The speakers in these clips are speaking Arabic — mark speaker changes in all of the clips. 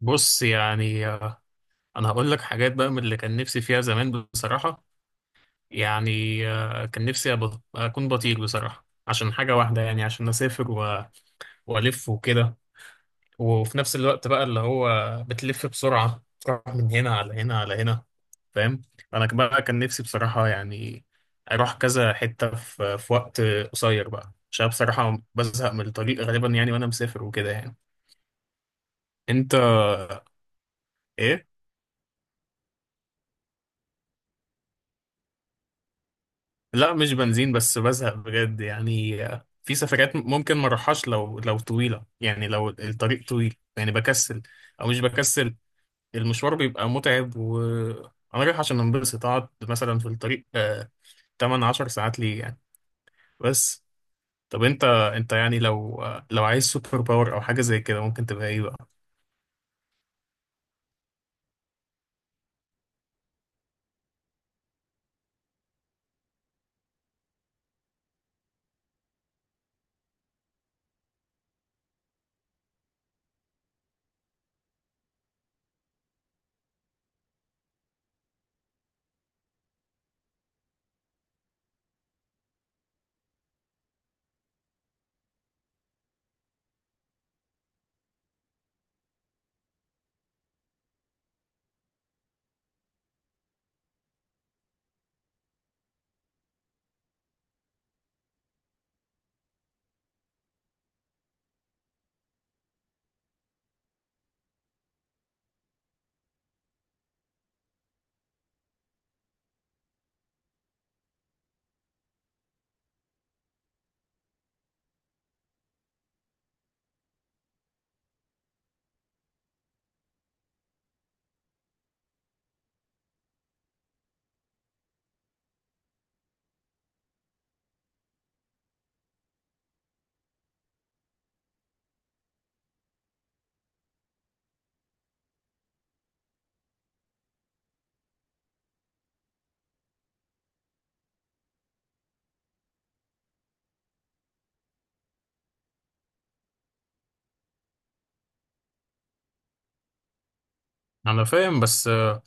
Speaker 1: بص يعني انا هقول لك حاجات بقى من اللي كان نفسي فيها زمان بصراحة. يعني كان نفسي اكون بطير بصراحة عشان حاجة واحدة، يعني عشان اسافر والف وكده، وفي نفس الوقت بقى اللي هو بتلف بسرعة، تروح من هنا على هنا على هنا، فاهم. بقى كان نفسي بصراحة، يعني اروح كذا حتة في وقت قصير بقى، عشان بصراحة بزهق من الطريق غالبا يعني، وانا مسافر وكده يعني. انت ايه؟ لا، مش بنزين بس بزهق بجد يعني، في سفرات ممكن ما اروحهاش لو طويله، يعني لو الطريق طويل يعني بكسل، او مش بكسل، المشوار بيبقى متعب وانا رايح عشان انبسط، اقعد مثلا في الطريق آه 8 10 ساعات ليه يعني. بس طب انت يعني لو لو عايز سوبر باور او حاجه زي كده، ممكن تبقى ايه بقى؟ انا فاهم بس،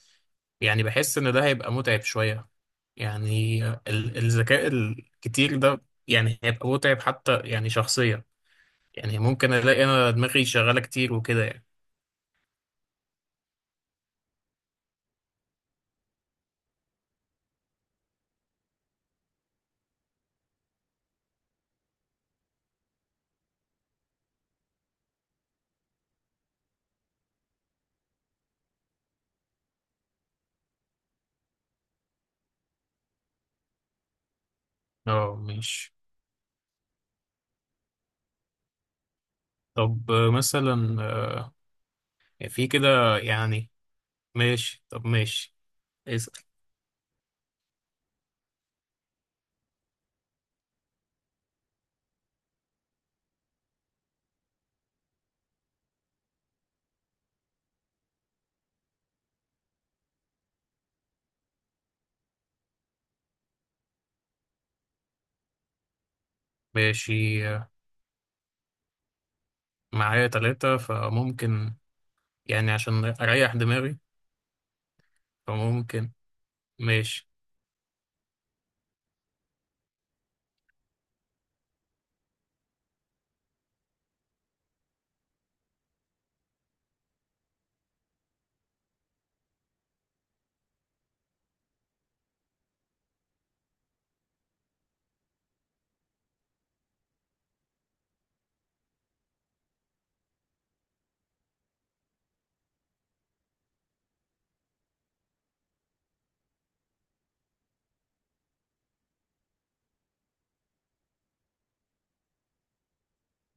Speaker 1: يعني بحس ان ده هيبقى متعب شويه، يعني الذكاء الكتير ده يعني هيبقى متعب حتى يعني شخصيا، يعني ممكن الاقي انا دماغي شغاله كتير وكده يعني. اه ماشي. طب مثلا، في كده يعني. ماشي، طب ماشي. اسأل. ماشي، معايا تلاتة فممكن، يعني عشان اريح دماغي فممكن. ماشي.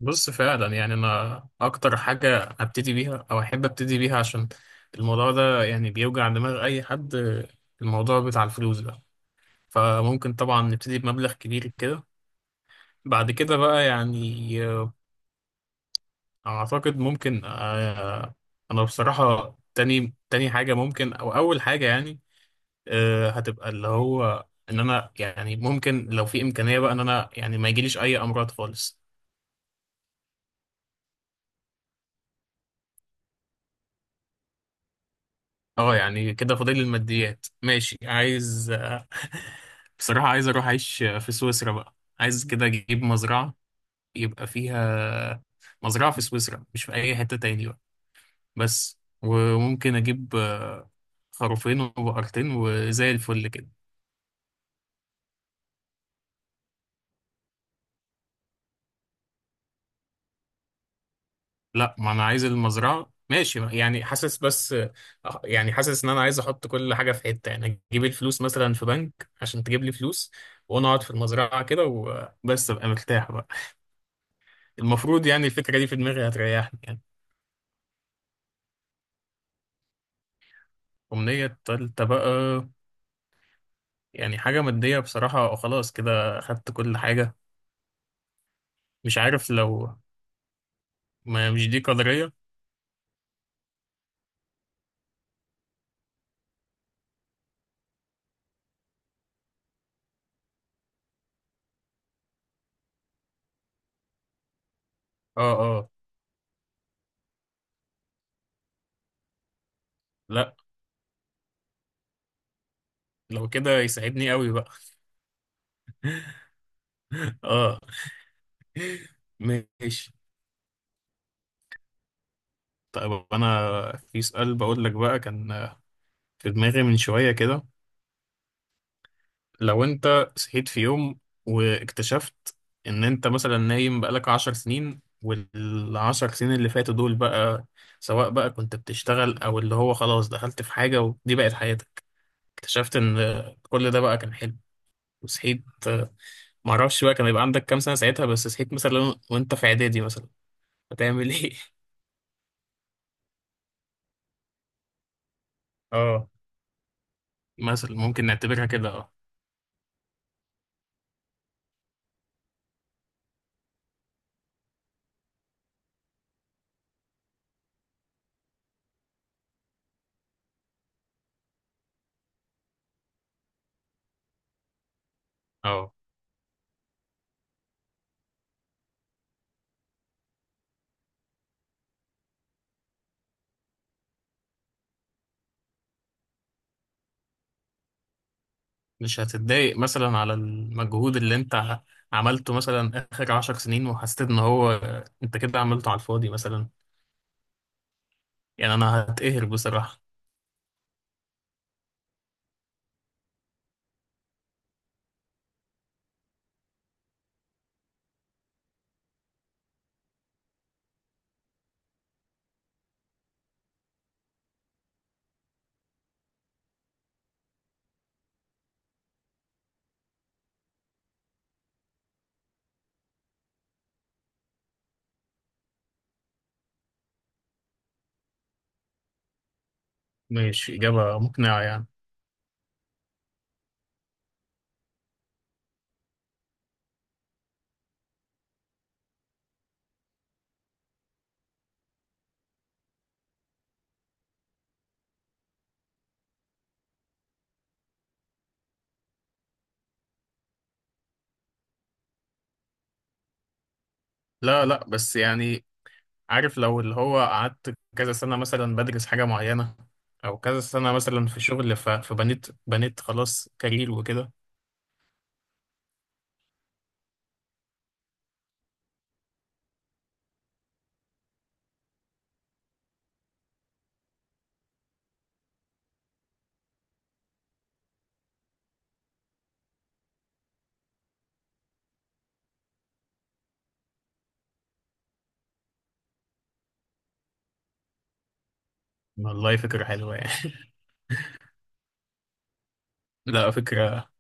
Speaker 1: بص، فعلا يعني انا اكتر حاجه ابتدي بيها او احب ابتدي بيها عشان الموضوع ده يعني بيوجع دماغ اي حد، الموضوع بتاع الفلوس ده، فممكن طبعا نبتدي بمبلغ كبير كده. بعد كده بقى يعني اعتقد ممكن، انا بصراحه تاني حاجه، ممكن او اول حاجه يعني، هتبقى اللي هو ان انا يعني، ممكن لو في امكانيه بقى، ان انا يعني ما يجيليش اي امراض خالص. اه يعني كده فاضل لي الماديات. ماشي، عايز بصراحه عايز اروح اعيش في سويسرا بقى، عايز كده اجيب مزرعه يبقى فيها، مزرعه في سويسرا مش في اي حته تاني بقى. بس، وممكن اجيب خروفين وبقرتين وزي الفل كده. لا، ما انا عايز المزرعه. ماشي يعني، حاسس بس، يعني حاسس ان انا عايز احط كل حاجه في حته، يعني اجيب الفلوس مثلا في بنك عشان تجيب لي فلوس، وانا اقعد في المزرعه كده وبس، ابقى مرتاح بقى. المفروض يعني الفكره دي في دماغي هتريحني يعني. الامنيه التالته بقى، يعني حاجه ماديه بصراحه، خلاص كده اخدت كل حاجه. مش عارف لو. ما مش دي قدريه. اه اه. لا، لو كده يساعدني قوي بقى. اه ماشي. طيب انا في سؤال بقول لك بقى، كان في دماغي من شوية كده. لو انت صحيت في يوم، واكتشفت ان انت مثلا نايم بقالك عشر سنين، والعشر سنين اللي فاتوا دول بقى، سواء بقى كنت بتشتغل او اللي هو خلاص دخلت في حاجة ودي بقت حياتك، اكتشفت ان كل ده بقى كان حلو، وصحيت. معرفش بقى كان يبقى عندك كام سنة ساعتها، بس صحيت مثلا وانت في اعدادي مثلا، هتعمل ايه؟ اه، مثلا ممكن نعتبرها كده اه. اه مش هتتضايق مثلا على المجهود اللي انت عملته مثلا اخر عشر سنين، وحسيت ان هو انت كده عملته على الفاضي مثلا؟ يعني انا هتقهر بصراحة. مش اجابة مقنعة يعني. لا لا بس يعني، عارف لو اللي هو قعدت كذا سنة مثلا بدرس حاجة معينة، او كذا سنة مثلا في شغل، فبنيت، خلاص كارير وكده. والله فكرة حلوة يعني. لا، فكرة.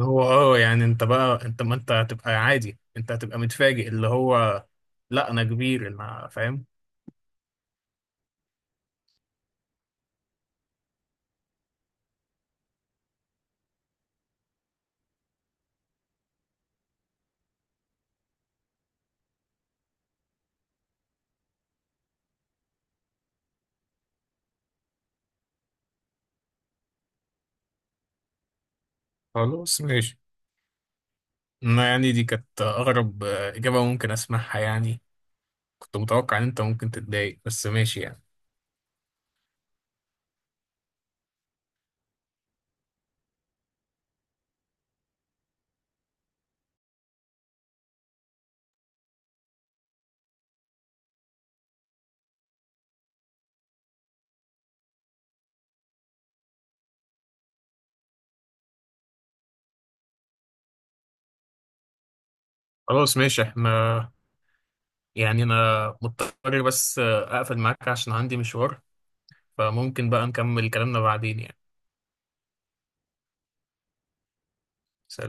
Speaker 1: هو اه يعني انت بقى انت، ما انت هتبقى عادي، انت هتبقى متفاجئ اللي هو، لا انا كبير انا فاهم. خلاص ماشي. انا يعني دي كانت اغرب اجابة ممكن اسمعها يعني. كنت متوقع ان انت ممكن تتضايق، بس ماشي يعني. خلاص ماشي. احنا يعني انا مضطر بس، اقفل معاك عشان عندي مشوار، فممكن بقى نكمل كلامنا بعدين يعني. سلام.